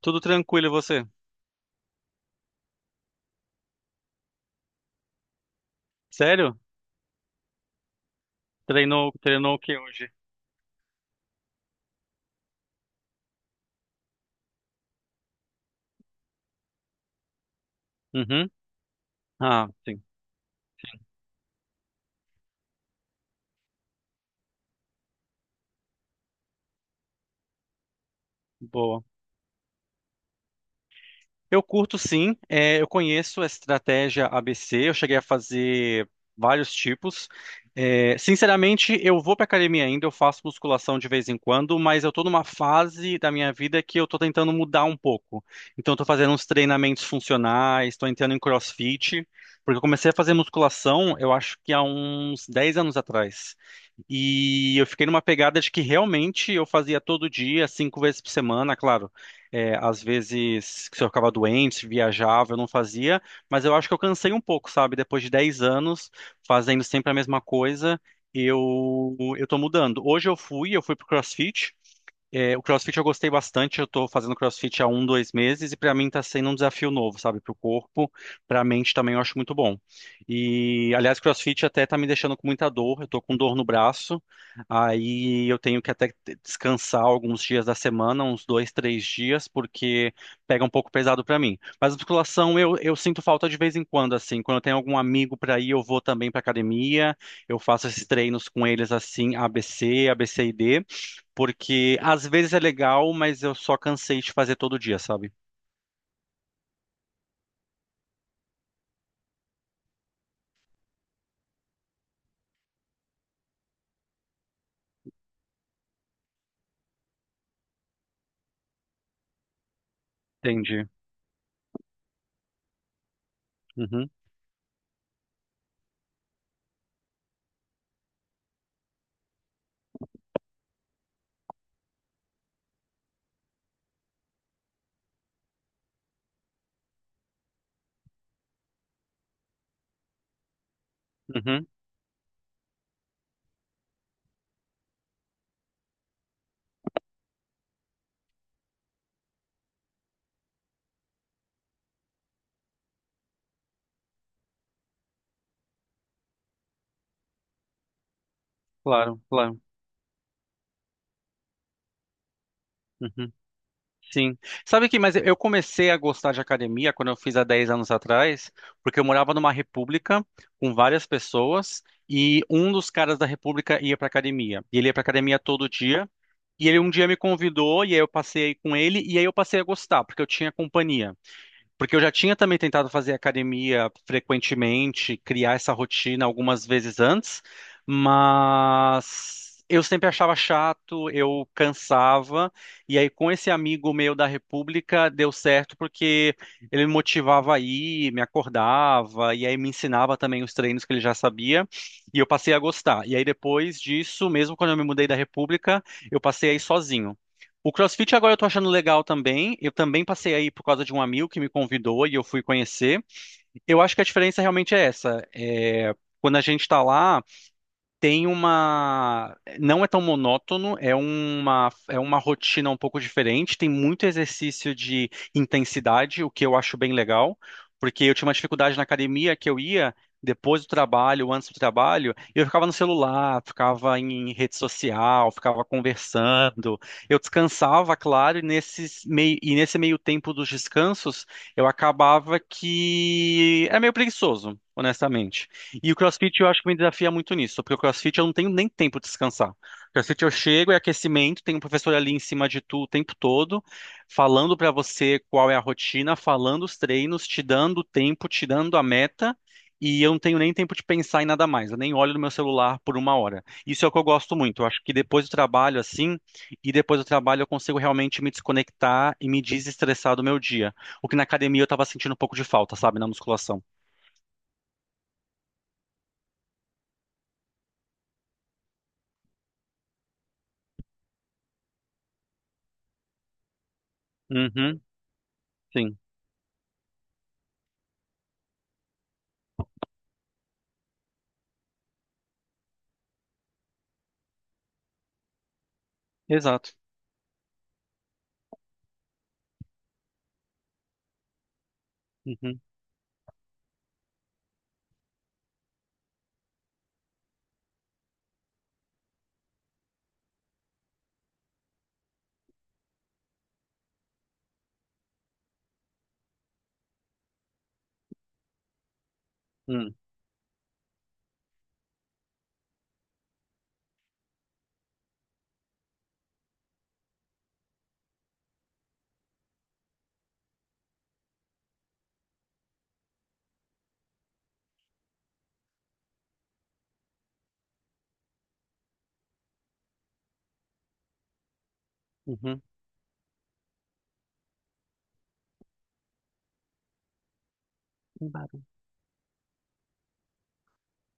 Tudo tranquilo, e você? Sério? Treinou o que hoje? Uhum. Ah, sim. Boa. Eu curto, sim. É, eu conheço a estratégia ABC, eu cheguei a fazer vários tipos. É, sinceramente, eu vou para academia ainda, eu faço musculação de vez em quando, mas eu estou numa fase da minha vida que eu estou tentando mudar um pouco. Então, estou fazendo uns treinamentos funcionais, estou entrando em CrossFit, porque eu comecei a fazer musculação, eu acho que há uns 10 anos atrás. E eu fiquei numa pegada de que realmente eu fazia todo dia, 5 vezes por semana. Claro, é, às vezes, se eu ficava doente, viajava, eu não fazia, mas eu acho que eu cansei um pouco, sabe? Depois de 10 anos fazendo sempre a mesma coisa, eu tô mudando. Hoje eu fui pro CrossFit. É, o CrossFit eu gostei bastante, eu tô fazendo CrossFit há um, 2 meses, e pra mim tá sendo um desafio novo, sabe? Pro corpo, pra mente também eu acho muito bom. E, aliás, CrossFit até tá me deixando com muita dor, eu tô com dor no braço, aí eu tenho que até descansar alguns dias da semana, uns 2, 3 dias, porque pega um pouco pesado pra mim. Mas a musculação eu sinto falta de vez em quando, assim, quando eu tenho algum amigo pra ir, eu vou também pra academia, eu faço esses treinos com eles, assim, ABC, ABCD, porque às vezes é legal, mas eu só cansei de fazer todo dia, sabe? Entendi. Uhum, uhum, claro, claro. Uhum, sim. Sabe que, mas eu comecei a gostar de academia quando eu fiz há 10 anos atrás, porque eu morava numa república com várias pessoas, e um dos caras da república ia pra academia. E ele ia pra academia todo dia. E ele um dia me convidou, e aí eu passei com ele, e aí eu passei a gostar, porque eu tinha companhia. Porque eu já tinha também tentado fazer academia frequentemente, criar essa rotina algumas vezes antes, mas eu sempre achava chato, eu cansava, e aí com esse amigo meu da República deu certo, porque ele me motivava a ir, me acordava, e aí me ensinava também os treinos que ele já sabia, e eu passei a gostar. E aí depois disso, mesmo quando eu me mudei da República, eu passei a ir sozinho. O CrossFit agora eu tô achando legal também. Eu também passei aí por causa de um amigo que me convidou e eu fui conhecer. Eu acho que a diferença realmente é essa. É, quando a gente tá lá tem uma. Não é tão monótono, é uma rotina um pouco diferente. Tem muito exercício de intensidade, o que eu acho bem legal, porque eu tinha uma dificuldade na academia que eu ia depois do trabalho, antes do trabalho, e eu ficava no celular, ficava em rede social, ficava conversando. Eu descansava, claro, e, nesse meio tempo dos descansos, eu acabava que era meio preguiçoso, honestamente. E o CrossFit eu acho que me desafia muito nisso, porque o CrossFit eu não tenho nem tempo de descansar. CrossFit eu chego, é aquecimento, tem um professor ali em cima de tu o tempo todo, falando pra você qual é a rotina, falando os treinos, te dando o tempo, te dando a meta, e eu não tenho nem tempo de pensar em nada mais. Eu nem olho no meu celular por uma hora. Isso é o que eu gosto muito. Eu acho que depois do trabalho, assim, e depois do trabalho, eu consigo realmente me desconectar e me desestressar do meu dia. O que na academia eu tava sentindo um pouco de falta, sabe, na musculação. Uhum, sim. Exato. Uhum, uhum, uhum. Claro.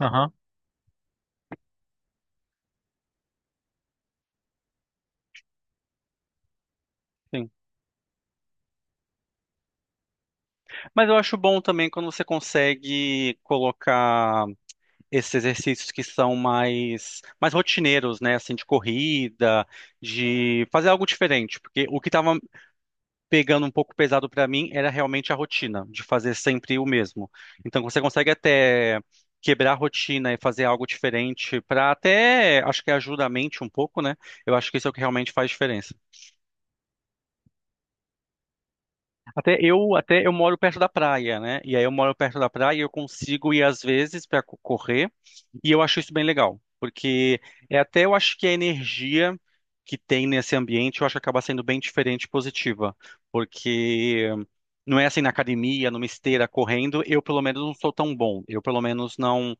Aham, sim. Mas eu acho bom também quando você consegue colocar esses exercícios que são mais rotineiros, né? Assim, de corrida, de fazer algo diferente. Porque o que estava pegando um pouco pesado para mim era realmente a rotina, de fazer sempre o mesmo. Então você consegue até quebrar a rotina e fazer algo diferente para até, acho que ajuda a mente um pouco, né? Eu acho que isso é o que realmente faz diferença. Até eu moro perto da praia, né? E aí eu moro perto da praia e eu consigo ir às vezes para correr, e eu acho isso bem legal, porque é até eu acho que a energia que tem nesse ambiente, eu acho que acaba sendo bem diferente e positiva, porque não é assim na academia, numa esteira correndo, eu pelo menos não sou tão bom. Eu pelo menos não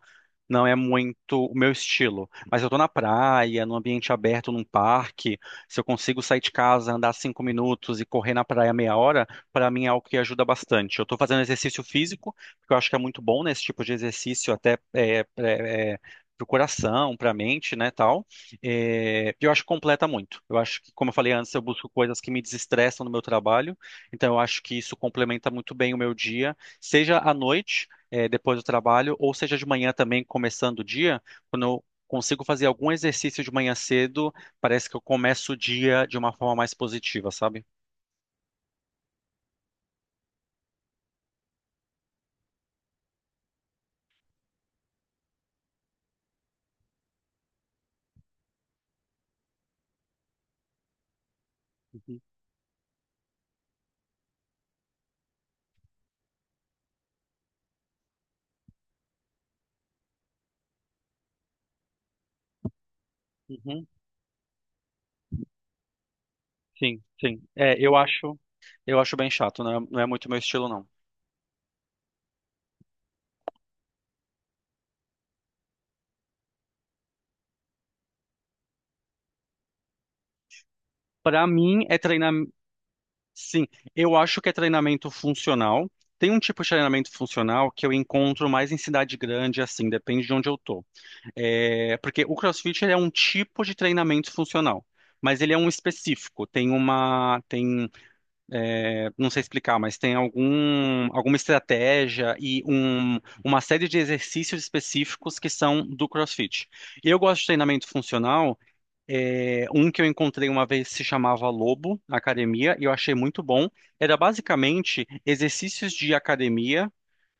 não é muito o meu estilo. Mas eu tô na praia, num ambiente aberto, num parque. Se eu consigo sair de casa, andar 5 minutos e correr na praia meia hora, para mim é algo que ajuda bastante. Eu tô fazendo exercício físico, porque eu acho que é muito bom, né, esse tipo de exercício, até é, é, é, pro coração, pra mente, né, tal. É, eu acho que completa muito. Eu acho que, como eu falei antes, eu busco coisas que me desestressam no meu trabalho. Então, eu acho que isso complementa muito bem o meu dia, seja à noite, depois do trabalho, ou seja de manhã também, começando o dia, quando eu consigo fazer algum exercício de manhã cedo, parece que eu começo o dia de uma forma mais positiva, sabe? Uhum, uhum. Sim, sim. É, eu acho bem chato, não é muito meu estilo, não. Para mim é treinamento, sim, eu acho que é treinamento funcional. Tem um tipo de treinamento funcional que eu encontro mais em cidade grande, assim, depende de onde eu tô. É, porque o CrossFit ele é um tipo de treinamento funcional, mas ele é um específico. Tem uma, tem, é, Não sei explicar, mas tem alguma estratégia e uma série de exercícios específicos que são do CrossFit. Eu gosto de treinamento funcional. É, um que eu encontrei uma vez se chamava Lobo na academia e eu achei muito bom. Era basicamente exercícios de academia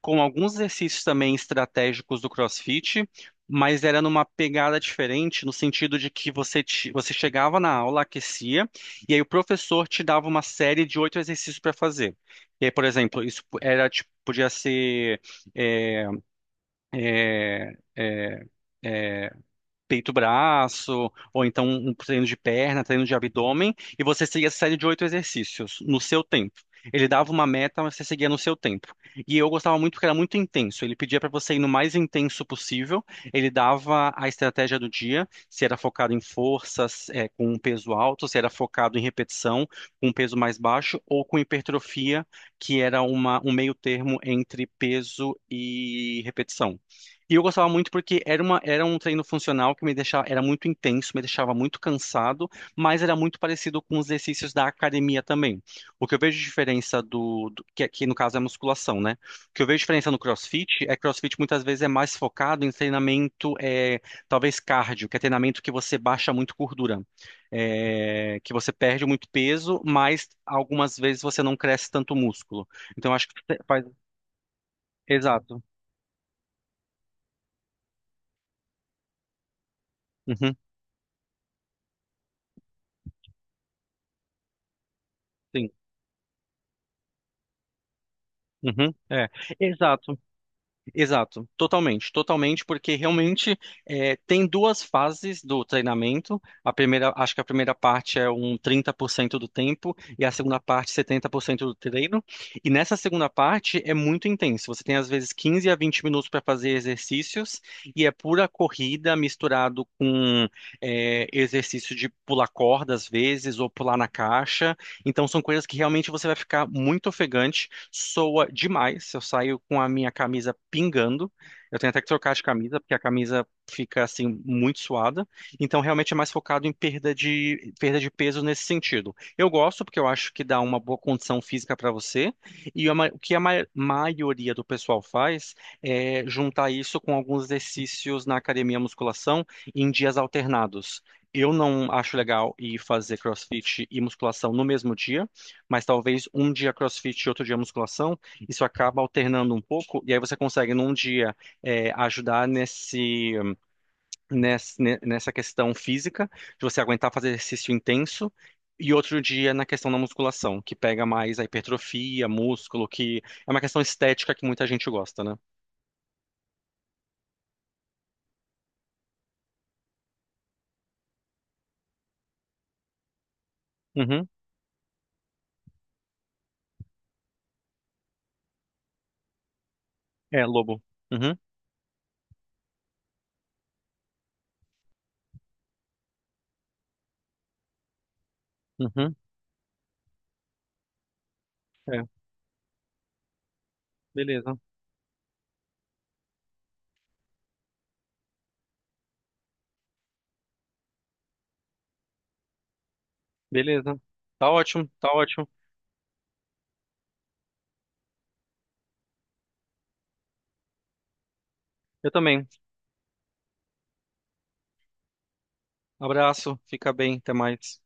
com alguns exercícios também estratégicos do CrossFit, mas era numa pegada diferente, no sentido de que você chegava na aula, aquecia, e aí o professor te dava uma série de 8 exercícios para fazer. E aí, por exemplo, isso era, tipo, podia ser, eh, peito-braço, ou então um treino de perna, treino de abdômen, e você seguia essa série de 8 exercícios no seu tempo. Ele dava uma meta, mas você seguia no seu tempo. E eu gostava muito porque era muito intenso. Ele pedia para você ir no mais intenso possível. Ele dava a estratégia do dia, se era focado em forças, com um peso alto, se era focado em repetição, com um peso mais baixo, ou com hipertrofia, que era um meio termo entre peso e repetição. E eu gostava muito porque era um treino funcional que me deixava, era muito intenso, me deixava muito cansado, mas era muito parecido com os exercícios da academia também. O que eu vejo de diferença que aqui no caso é a musculação, né? O que eu vejo de diferença no CrossFit é que CrossFit muitas vezes é mais focado em treinamento, talvez cardio, que é treinamento que você baixa muito gordura, que você perde muito peso, mas algumas vezes você não cresce tanto músculo. Então eu acho que faz, exato. Uhum, sim. Uhum, é, exato, exato, totalmente, totalmente, porque realmente tem 2 fases do treinamento. A primeira, acho que a primeira parte é um 30% do tempo, e a segunda parte 70% do treino. E nessa segunda parte é muito intenso. Você tem às vezes 15 a 20 minutos para fazer exercícios, e é pura corrida misturado com exercício de pular corda às vezes, ou pular na caixa. Então são coisas que realmente você vai ficar muito ofegante, soa demais. Eu saio com a minha camisa pingando. Eu tenho até que trocar de camisa, porque a camisa fica assim muito suada. Então realmente é mais focado em perda de peso nesse sentido. Eu gosto porque eu acho que dá uma boa condição física para você. E a ma- o que a ma- maioria do pessoal faz é juntar isso com alguns exercícios na academia, musculação, em dias alternados. Eu não acho legal ir fazer CrossFit e musculação no mesmo dia, mas talvez um dia CrossFit e outro dia musculação, isso acaba alternando um pouco, e aí você consegue num dia, ajudar nesse, nessa questão física, de você aguentar fazer exercício intenso, e outro dia na questão da musculação, que pega mais a hipertrofia, músculo, que é uma questão estética que muita gente gosta, né? Uhum. É, Lobo. Uhum. Uhum. É, beleza, beleza. Tá ótimo, tá ótimo. Eu também. Abraço, fica bem, até mais.